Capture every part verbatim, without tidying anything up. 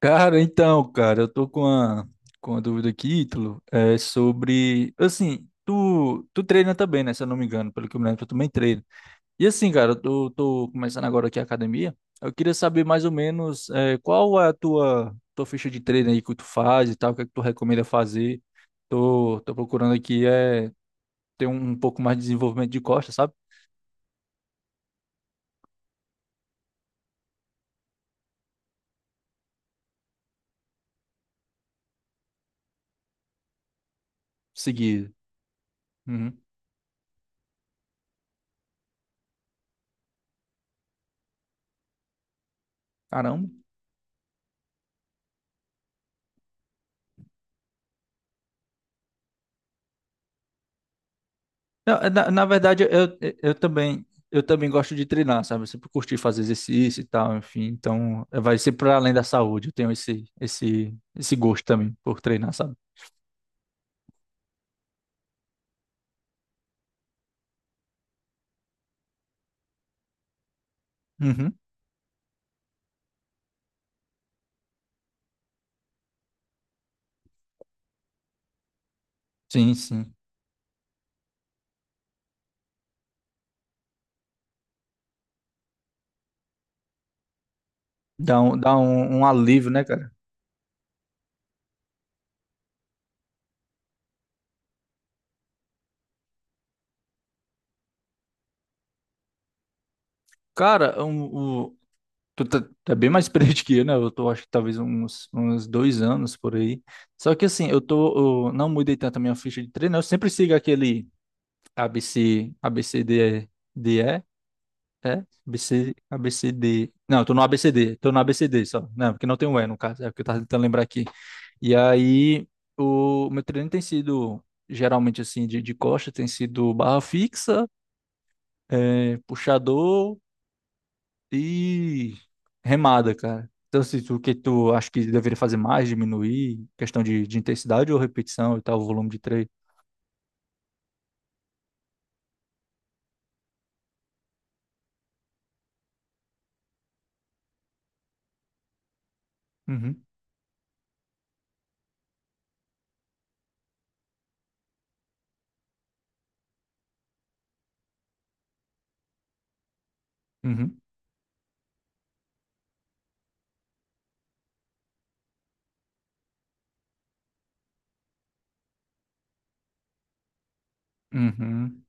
Cara, então, cara, eu tô com uma com a dúvida aqui, Ítalo, é sobre, assim, tu, tu treina também, né, se eu não me engano, pelo que eu me lembro, tu também treina. E assim, cara, eu tô, tô começando agora aqui a academia, eu queria saber mais ou menos é, qual é a tua, tua ficha de treino aí que tu faz e tal, o que é que tu recomenda fazer. Tô, tô procurando aqui é ter um, um pouco mais de desenvolvimento de costas, sabe? Seguir. Uhum. Caramba. Não, na, na verdade, eu, eu também eu também gosto de treinar, sabe? Eu sempre curti fazer exercício e tal, enfim. Então, eh, vai ser para além da saúde. Eu tenho esse esse esse gosto também por treinar, sabe? Uhum. Sim, sim. Dá um, dá um, um alívio, né, cara? Cara, um, o, tu tá, tá bem mais experiente que eu, né? Eu tô, acho que talvez uns, uns dois anos por aí. Só que assim, eu tô, eu não mudei tanto a minha ficha de treino. Eu sempre sigo aquele a a b b c A B c d e É? A B C, D. Não, eu tô no A B C D. tô no A B C D, só. Não, porque não tem o E no caso, é o que eu tava tentando lembrar aqui. E aí, o meu treino tem sido, geralmente assim, de, de costa, tem sido barra fixa, é, puxador e remada, cara. Então, se tu, o que tu acha que deveria fazer mais, diminuir, questão de, de intensidade ou repetição e tal, o volume de treino? Uhum, uhum, uhum.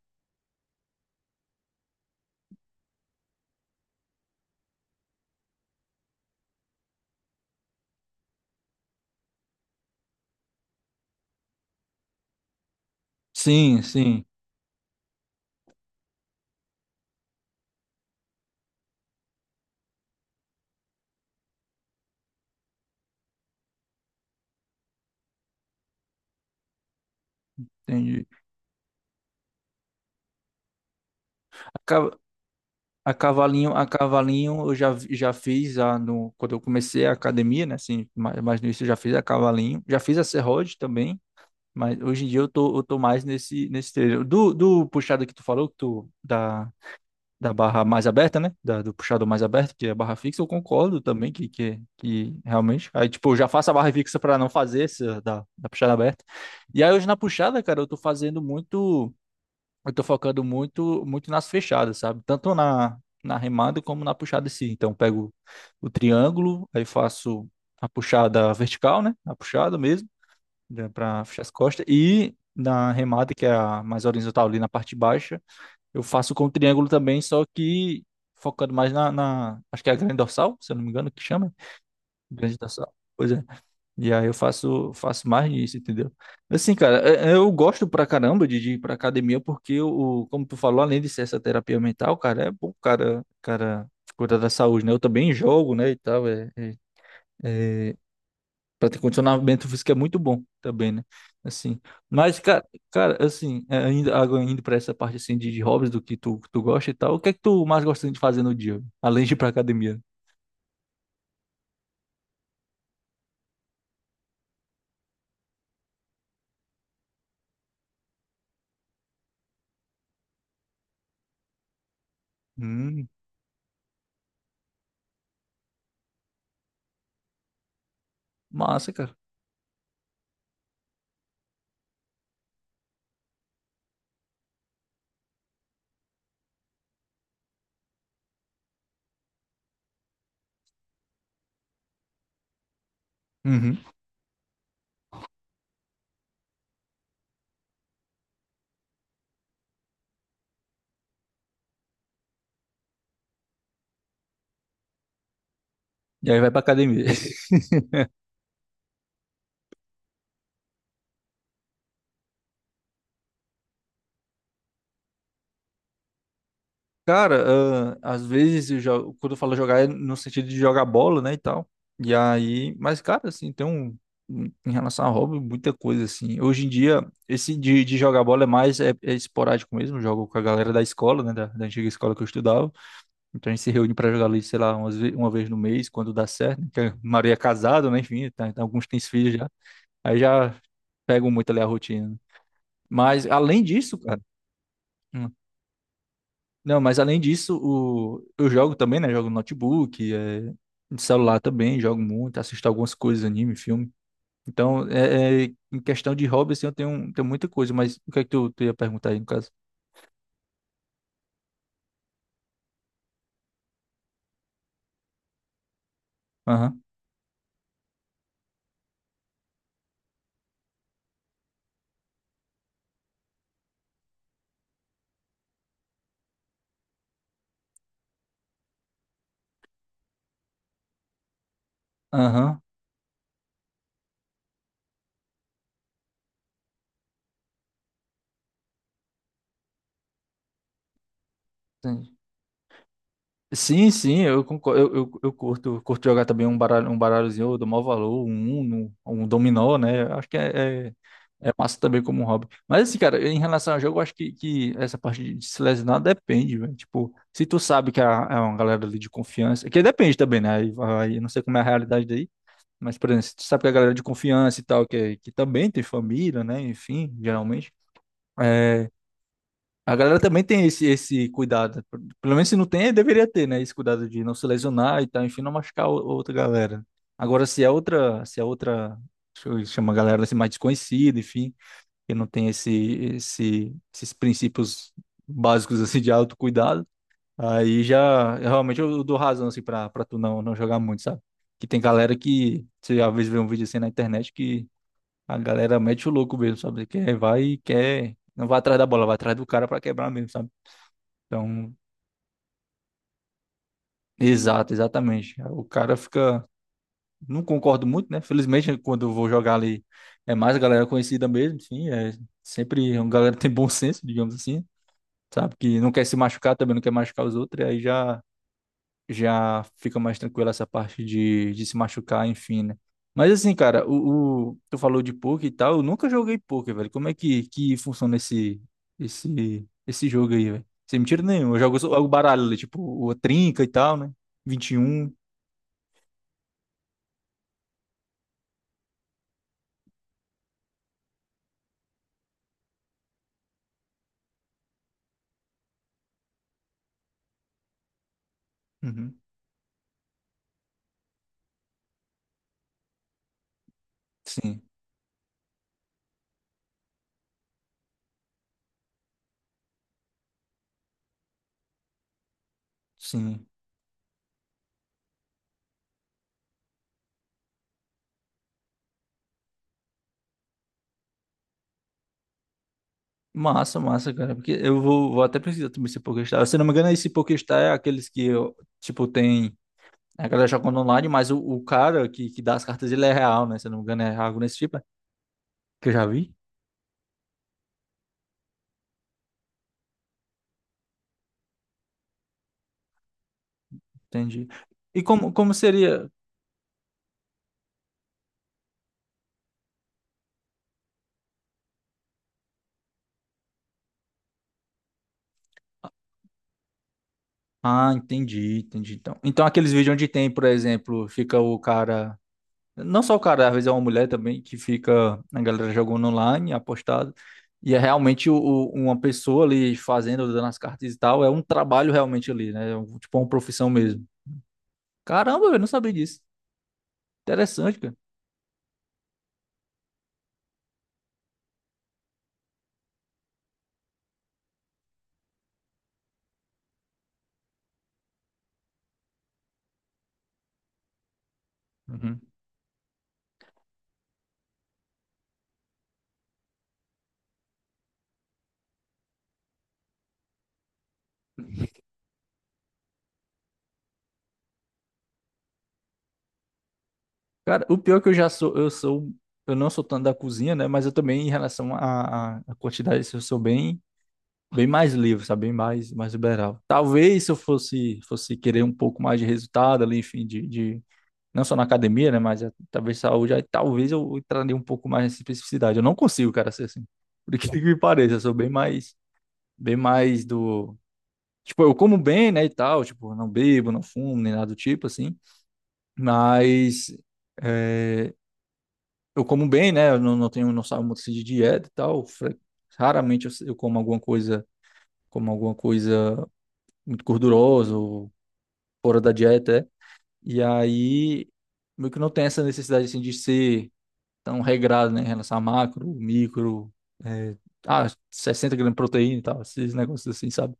Sim, sim, entendi. Acaba, A cavalinho, a cavalinho eu já, já fiz a, no, quando eu comecei a academia, né? Assim, mais, mais no início eu já fiz a cavalinho. Já fiz a serrote também, mas hoje em dia eu tô, eu tô mais nesse, nesse treino. Do, do puxado que tu falou, que tu, da, da barra mais aberta, né? Da, do puxado mais aberto, que é a barra fixa, eu concordo também que, que, que realmente. Aí, tipo, eu já faço a barra fixa para não fazer essa da, da puxada aberta. E aí hoje na puxada, cara, eu tô fazendo muito eu tô focando muito, muito nas fechadas, sabe? Tanto na, na remada como na puxada em si. Então, eu pego o triângulo, aí faço a puxada vertical, né? A puxada mesmo, para fechar as costas. E na remada, que é a mais horizontal ali na parte baixa, eu faço com o triângulo também, só que focando mais na, na- acho que é a grande dorsal, se eu não me engano, que chama. Grande dorsal. Pois é. E aí eu faço, faço mais disso, entendeu? Assim, cara, é- é, eu gosto pra caramba de, de ir pra academia, porque o, como tu falou, além de ser essa terapia mental, cara, é bom, o cara, cara, cuidar da saúde, né? Eu também jogo, né, e tal, é, é, pra ter condicionamento físico é muito bom também, né? Assim, mas, cara, cara, assim, é, ainda, agora indo pra essa parte, assim, de, de hobbies, do que tu, tu gosta e tal, o que é que tu mais gosta de fazer no dia, além de ir pra academia? Hum, massa, cara. Uhum. E aí vai pra academia. Cara, ah, às vezes eu jogo, quando eu falo jogar é no sentido de jogar bola, né, e tal. E aí, mas cara, assim, tem um um, em relação a hobby, muita coisa assim. Hoje em dia, esse de, de jogar bola é mais é, é esporádico mesmo, jogo com a galera da escola, né, da, da antiga escola que eu estudava. Então a gente se reúne pra jogar ali, sei lá, umas ve- uma vez no mês, quando dá certo, né, que a maioria é casada, né, enfim, tá, então alguns têm filhos já. Aí já pegam muito ali a rotina, né. Mas além disso, cara, Não, mas além disso, o... eu jogo também, né? Jogo no notebook, é... no celular também, jogo muito, assisto algumas coisas, anime, filme. Então, é, é, em questão de hobby, assim, eu tenho, tenho muita coisa, mas o que é que tu, tu ia perguntar aí, no caso? Aham, aham. Sim, sim, eu concordo, eu, eu, eu curto, curto jogar também um baralho, um baralhozinho, eu dou maior valor, um Uno, um dominó, né? Eu acho que é, é, é massa também como um hobby. Mas assim, cara, em relação ao jogo, eu acho que, que essa parte de se lesionar depende, velho. Tipo, se tu sabe que é é uma galera ali de confiança, que depende também, né? Aí, vai- eu não sei como é a realidade daí, mas, por exemplo, se tu sabe que é a galera é de confiança e tal, que, é, que também tem família, né? Enfim, geralmente. é, a galera também tem esse, esse cuidado. Pelo menos se não tem, deveria ter, né? Esse cuidado de não se lesionar e tal, enfim, não machucar o- outra galera. Agora, se é outra, se é outra, deixa eu chamar a galera assim, mais desconhecida, enfim, que não tem esse, esse, esses princípios básicos assim de autocuidado, aí já realmente eu dou razão assim para para tu não não jogar muito, sabe? Que tem galera que você às vezes vê um vídeo assim na internet que a galera mete o louco mesmo, sabe? Que vai e quer não vai atrás da bola, vai atrás do cara pra quebrar mesmo, sabe? Então, exato, exatamente. O cara fica. Não concordo muito, né? Felizmente, quando eu vou jogar ali, é mais a galera conhecida mesmo, enfim. É sempre uma galera que tem bom senso, digamos assim. Sabe? Que não quer se machucar também, não quer machucar os outros, e aí já. já fica mais tranquila essa parte de, de se machucar, enfim, né? Mas assim, cara, o, o- tu falou de poker e tal, eu nunca joguei poker, velho. Como é que, que funciona esse, esse, esse jogo aí, velho? Sem mentira nenhuma, eu jogo só o baralho, ali, tipo, o trinca e tal, né? vinte e um. Uhum. Sim, sim. Massa, massa, cara. Porque eu vou, vou até precisar também esse Pokéstar. Se não me engano, esse Pokéstar é aqueles que, eu, tipo, tem. A galera jogando online, mas o, o cara que, que dá as cartas, ele é real, né? Se não me engano, é algo nesse tipo, que eu já vi? Entendi. E como, como seria? Ah, entendi, entendi. Então, então aqueles vídeos onde tem, por exemplo, fica o cara. Não só o cara, às vezes é uma mulher também, que fica a galera jogando online, apostado. E é realmente o, o- uma pessoa ali fazendo, dando as cartas e tal. É um trabalho realmente ali, né? É um- Tipo uma profissão mesmo. Caramba, eu não sabia disso. Interessante, cara. Uhum. Cara, o pior é que eu já sou, eu sou, eu não sou tanto da cozinha, né? Mas eu também, em relação à à- à quantidade, eu sou bem. bem mais livre, sabe? Bem mais, mais liberal. Talvez se eu fosse, fosse querer um pouco mais de resultado ali, enfim, de, de não só na academia, né? Mas eh, talvez saúde, aí talvez eu entraria um pouco mais nessa especificidade. Eu não consigo, cara, ser assim. Por que que me pareça, eu sou bem mais, bem mais do. Tipo, eu como bem, né, e tal, tipo, não bebo, não fumo, nem nada do tipo, assim, mas eh, eu como bem, né, eu não, não tenho, não saio muito assim de dieta e tal, fre- raramente eu, eu como alguma coisa, como alguma coisa muito gorduroso, fora da dieta, é. E aí, meio que não tem essa necessidade, assim, de ser tão regrado, né, em relação a macro, micro, é, ah, sessenta gramas de proteína e tal, esses negócios assim, sabe?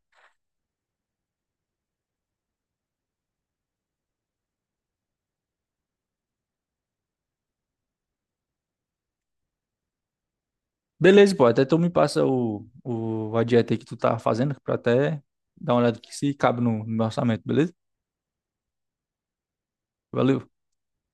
Beleza, pô, até tu me passa o, o, a dieta aí que tu tá fazendo, pra até dar uma olhada aqui se cabe no, no meu orçamento, beleza? Valeu.